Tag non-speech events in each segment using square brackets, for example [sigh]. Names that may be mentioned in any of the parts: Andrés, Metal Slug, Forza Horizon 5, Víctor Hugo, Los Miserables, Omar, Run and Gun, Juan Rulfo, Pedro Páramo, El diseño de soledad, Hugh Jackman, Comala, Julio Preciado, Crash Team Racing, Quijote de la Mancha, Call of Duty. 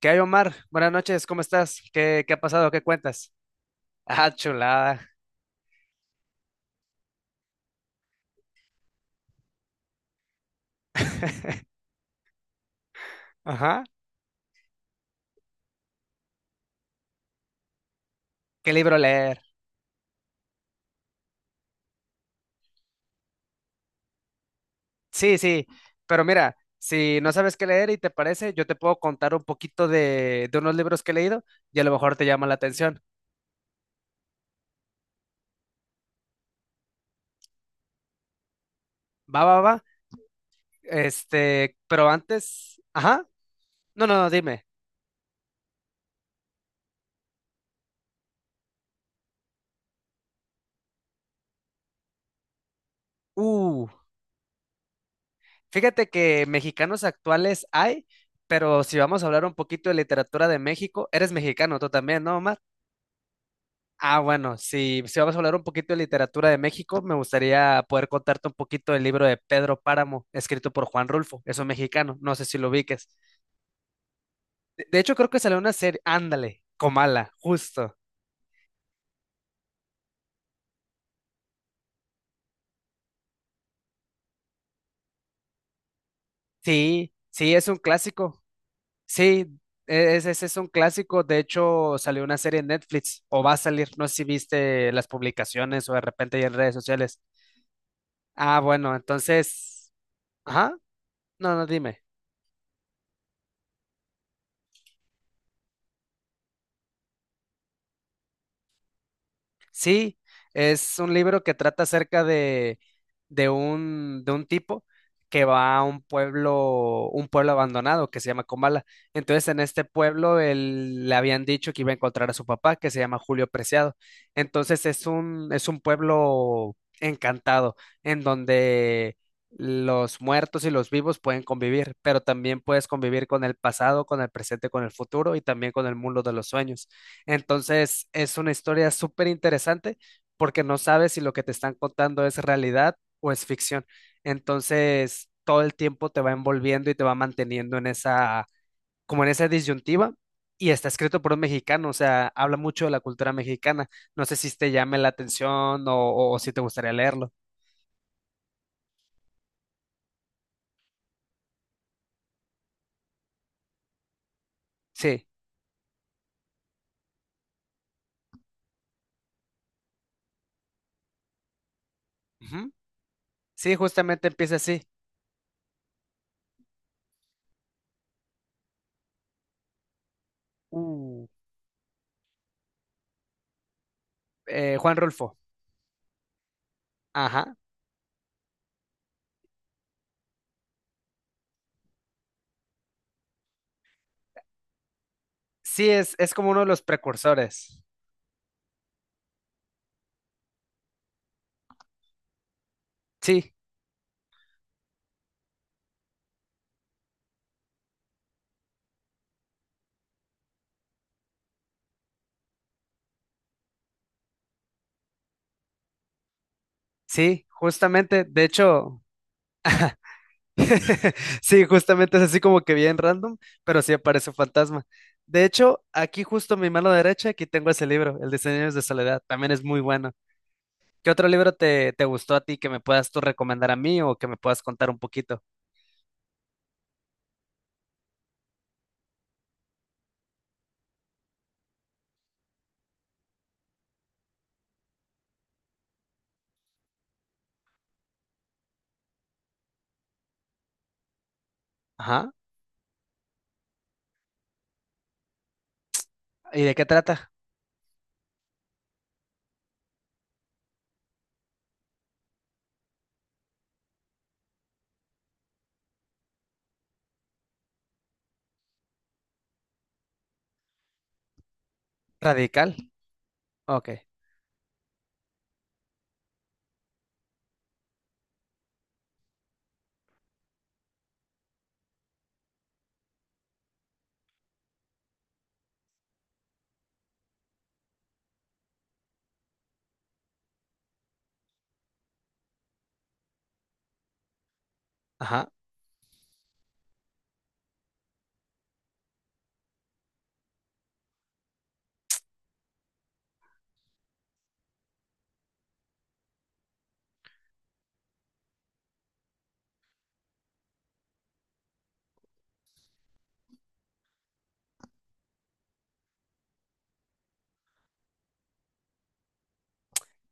¿Qué hay, Omar? Buenas noches, ¿cómo estás? ¿¿Qué ha pasado? ¿Qué cuentas? Ah, chulada. Ajá. ¿Qué libro leer? Sí, sí, pero mira, si no sabes qué leer y te parece, yo te puedo contar un poquito de unos libros que he leído y a lo mejor te llama la atención. Va, va, va. Este, pero antes, ajá. No, no, no, dime. Uh, fíjate que mexicanos actuales hay, pero si vamos a hablar un poquito de literatura de México, eres mexicano tú también, ¿no, Omar? Ah, bueno, si, si vamos a hablar un poquito de literatura de México, me gustaría poder contarte un poquito del libro de Pedro Páramo, escrito por Juan Rulfo, es un mexicano, no sé si lo ubiques. De hecho, creo que salió una serie, ándale, Comala, justo. Sí, sí, es un clásico, sí, ese es un clásico, de hecho, salió una serie en Netflix, o va a salir, no sé si viste las publicaciones o de repente ya en redes sociales. Ah, bueno, entonces, ajá, no, no, dime. Sí, es un libro que trata acerca de un tipo que va a un pueblo abandonado que se llama Comala. Entonces, en este pueblo él, le habían dicho que iba a encontrar a su papá, que se llama Julio Preciado. Entonces, es un pueblo encantado, en donde los muertos y los vivos pueden convivir, pero también puedes convivir con el pasado, con el presente, con el futuro y también con el mundo de los sueños. Entonces, es una historia súper interesante porque no sabes si lo que te están contando es realidad o es ficción. Entonces, todo el tiempo te va envolviendo y te va manteniendo en esa, como en esa disyuntiva. Y está escrito por un mexicano, o sea, habla mucho de la cultura mexicana. No sé si te llame la atención o, o si te gustaría leerlo. Sí. Ujú. Sí, justamente empieza así. Uh, Juan Rulfo. Ajá. Sí, es como uno de los precursores. Sí, sí, justamente, de hecho, [laughs] sí, justamente es así como que bien random, pero sí aparece un fantasma. De hecho, aquí justo en mi mano derecha, aquí tengo ese libro, El diseño de soledad, también es muy bueno. ¿Qué otro libro te gustó a ti que me puedas tú recomendar a mí o que me puedas contar un poquito? Ajá, ¿y de qué trata? Radical, ok, ajá.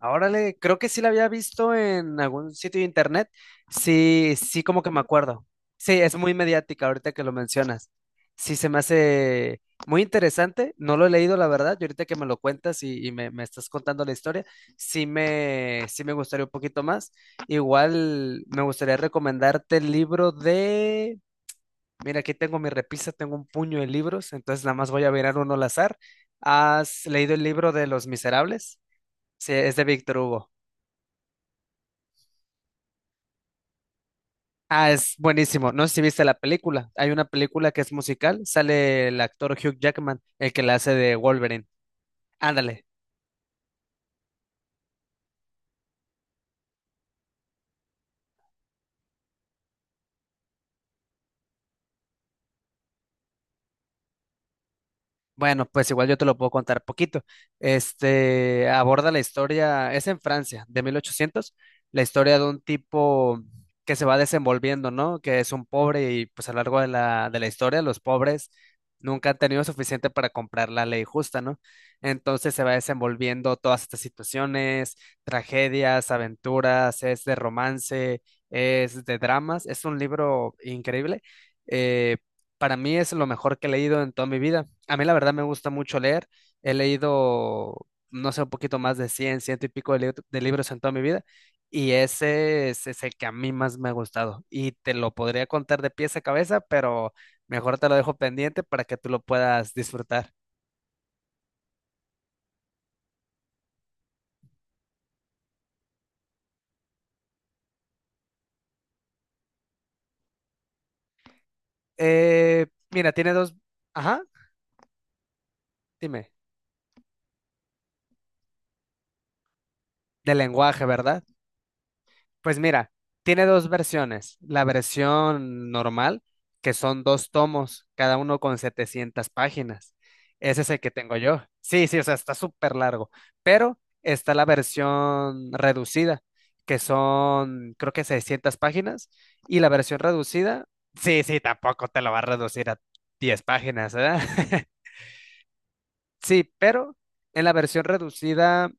Ah, órale, creo que sí la había visto en algún sitio de internet. Sí, sí, como que me acuerdo. Sí, es muy mediática ahorita que lo mencionas. Sí, se me hace muy interesante. No lo he leído, la verdad. Y ahorita que me lo cuentas y me, me estás contando la historia, sí me gustaría un poquito más. Igual me gustaría recomendarte el libro de… Mira, aquí tengo mi repisa, tengo un puño de libros, entonces nada más voy a mirar uno al azar. ¿Has leído el libro de Los Miserables? Sí, es de Víctor Hugo. Ah, es buenísimo. No sé si viste la película. Hay una película que es musical. Sale el actor Hugh Jackman, el que la hace de Wolverine. Ándale, bueno, pues igual yo te lo puedo contar poquito. Este aborda la historia, es en Francia, de 1800, la historia de un tipo que se va desenvolviendo, ¿no? Que es un pobre y pues a lo largo de la historia los pobres nunca han tenido suficiente para comprar la ley justa, ¿no? Entonces se va desenvolviendo todas estas situaciones, tragedias, aventuras, es de romance, es de dramas, es un libro increíble. Eh, para mí es lo mejor que he leído en toda mi vida. A mí la verdad me gusta mucho leer. He leído, no sé, un poquito más de 100, ciento y pico de, de libros en toda mi vida. Y ese es el que a mí más me ha gustado. Y te lo podría contar de pies a cabeza, pero mejor te lo dejo pendiente para que tú lo puedas disfrutar. Mira, tiene dos… Ajá, dime. De lenguaje, ¿verdad? Pues mira, tiene dos versiones. La versión normal, que son dos tomos, cada uno con 700 páginas. Ese es el que tengo yo. Sí, sí, o sea, está súper largo. Pero está la versión reducida, que son, creo que 600 páginas. Y la versión reducida, sí, sí, tampoco te lo va a reducir a 10 páginas, ¿verdad? [laughs] Sí, pero en la versión reducida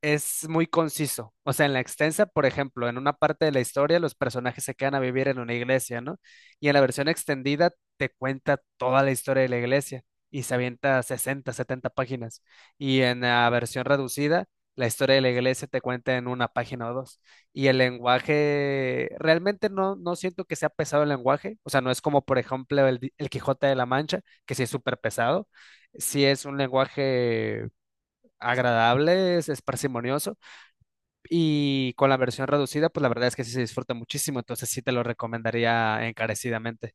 es muy conciso. O sea, en la extensa, por ejemplo, en una parte de la historia los personajes se quedan a vivir en una iglesia, ¿no? Y en la versión extendida te cuenta toda la historia de la iglesia y se avienta 60, 70 páginas. Y en la versión reducida, la historia de la iglesia te cuenta en una página o dos. Y el lenguaje, realmente no, no siento que sea pesado el lenguaje. O sea, no es como, por ejemplo, el, el Quijote de la Mancha, que sí es súper pesado. Sí es un lenguaje agradable, es parsimonioso y con la versión reducida, pues la verdad es que sí se disfruta muchísimo, entonces sí te lo recomendaría encarecidamente.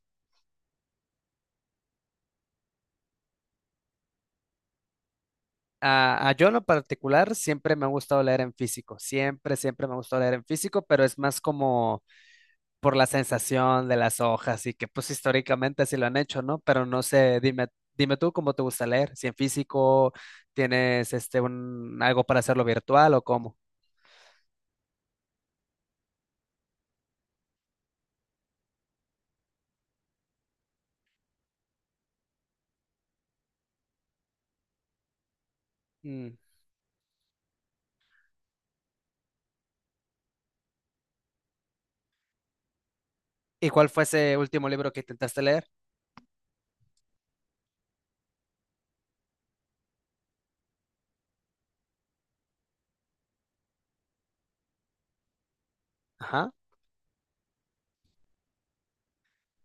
A yo en lo particular siempre me ha gustado leer en físico, siempre, siempre me ha gustado leer en físico, pero es más como por la sensación de las hojas y que pues históricamente así lo han hecho, ¿no? Pero no sé, dime, dime tú cómo te gusta leer, si en físico tienes este un algo para hacerlo virtual o cómo. Mm. ¿Y cuál fue ese último libro que intentaste leer? Ajá,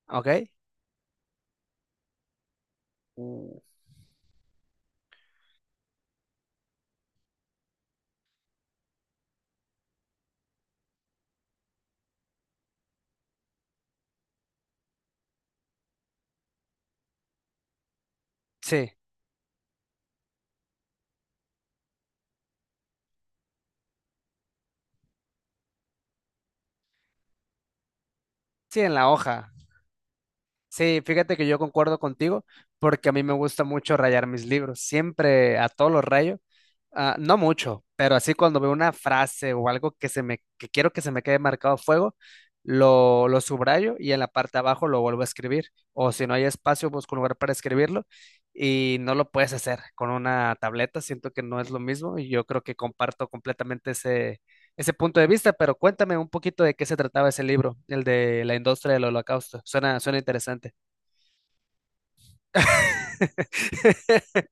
ok. Uh. Sí, sí, en la hoja. Sí, fíjate que yo concuerdo contigo porque a mí me gusta mucho rayar mis libros, siempre a todos los rayo, ah, no mucho, pero así cuando veo una frase o algo que se me que quiero que se me quede marcado a fuego, lo subrayo y en la parte de abajo lo vuelvo a escribir o si no hay espacio busco un lugar para escribirlo y no lo puedes hacer con una tableta, siento que no es lo mismo y yo creo que comparto completamente ese ese punto de vista, pero cuéntame un poquito de qué se trataba ese libro, el de la industria del holocausto. Suena, suena interesante. [laughs]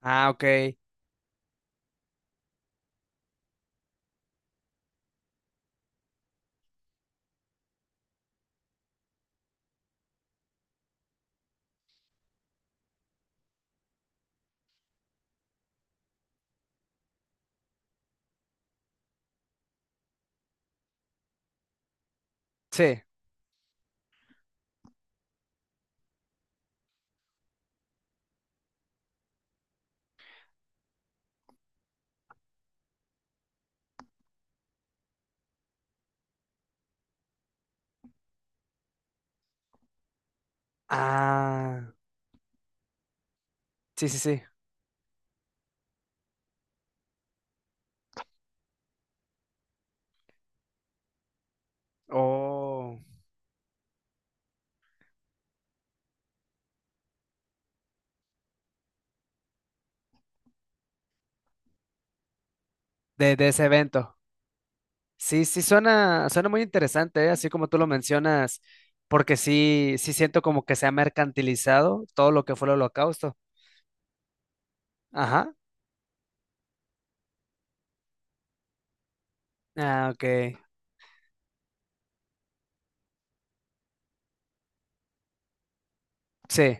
Ah, ok. Sí. Ah, sí, sí, sí. Oh, de ese evento. Sí, sí, suena, suena muy interesante, ¿eh? Así como tú lo mencionas, porque sí, sí siento como que se ha mercantilizado todo lo que fue el holocausto. Ajá. Ah, ok. Sí.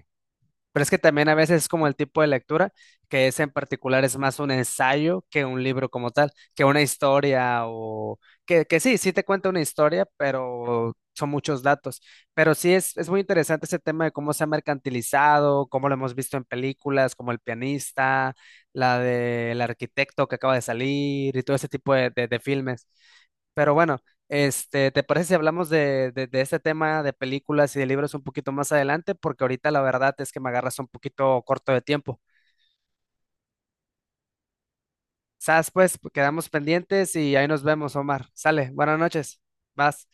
Pero es que también a veces es como el tipo de lectura, que es en particular es más un ensayo que un libro como tal, que una historia o que sí, sí te cuenta una historia, pero son muchos datos. Pero sí es muy interesante ese tema de cómo se ha mercantilizado, cómo lo hemos visto en películas como El pianista, la del arquitecto que acaba de salir y todo ese tipo de, de filmes. Pero bueno, este, ¿te parece si hablamos de este tema de películas y de libros un poquito más adelante? Porque ahorita la verdad es que me agarras un poquito corto de tiempo. ¿Sabes? Pues quedamos pendientes y ahí nos vemos, Omar. Sale, buenas noches. Vas.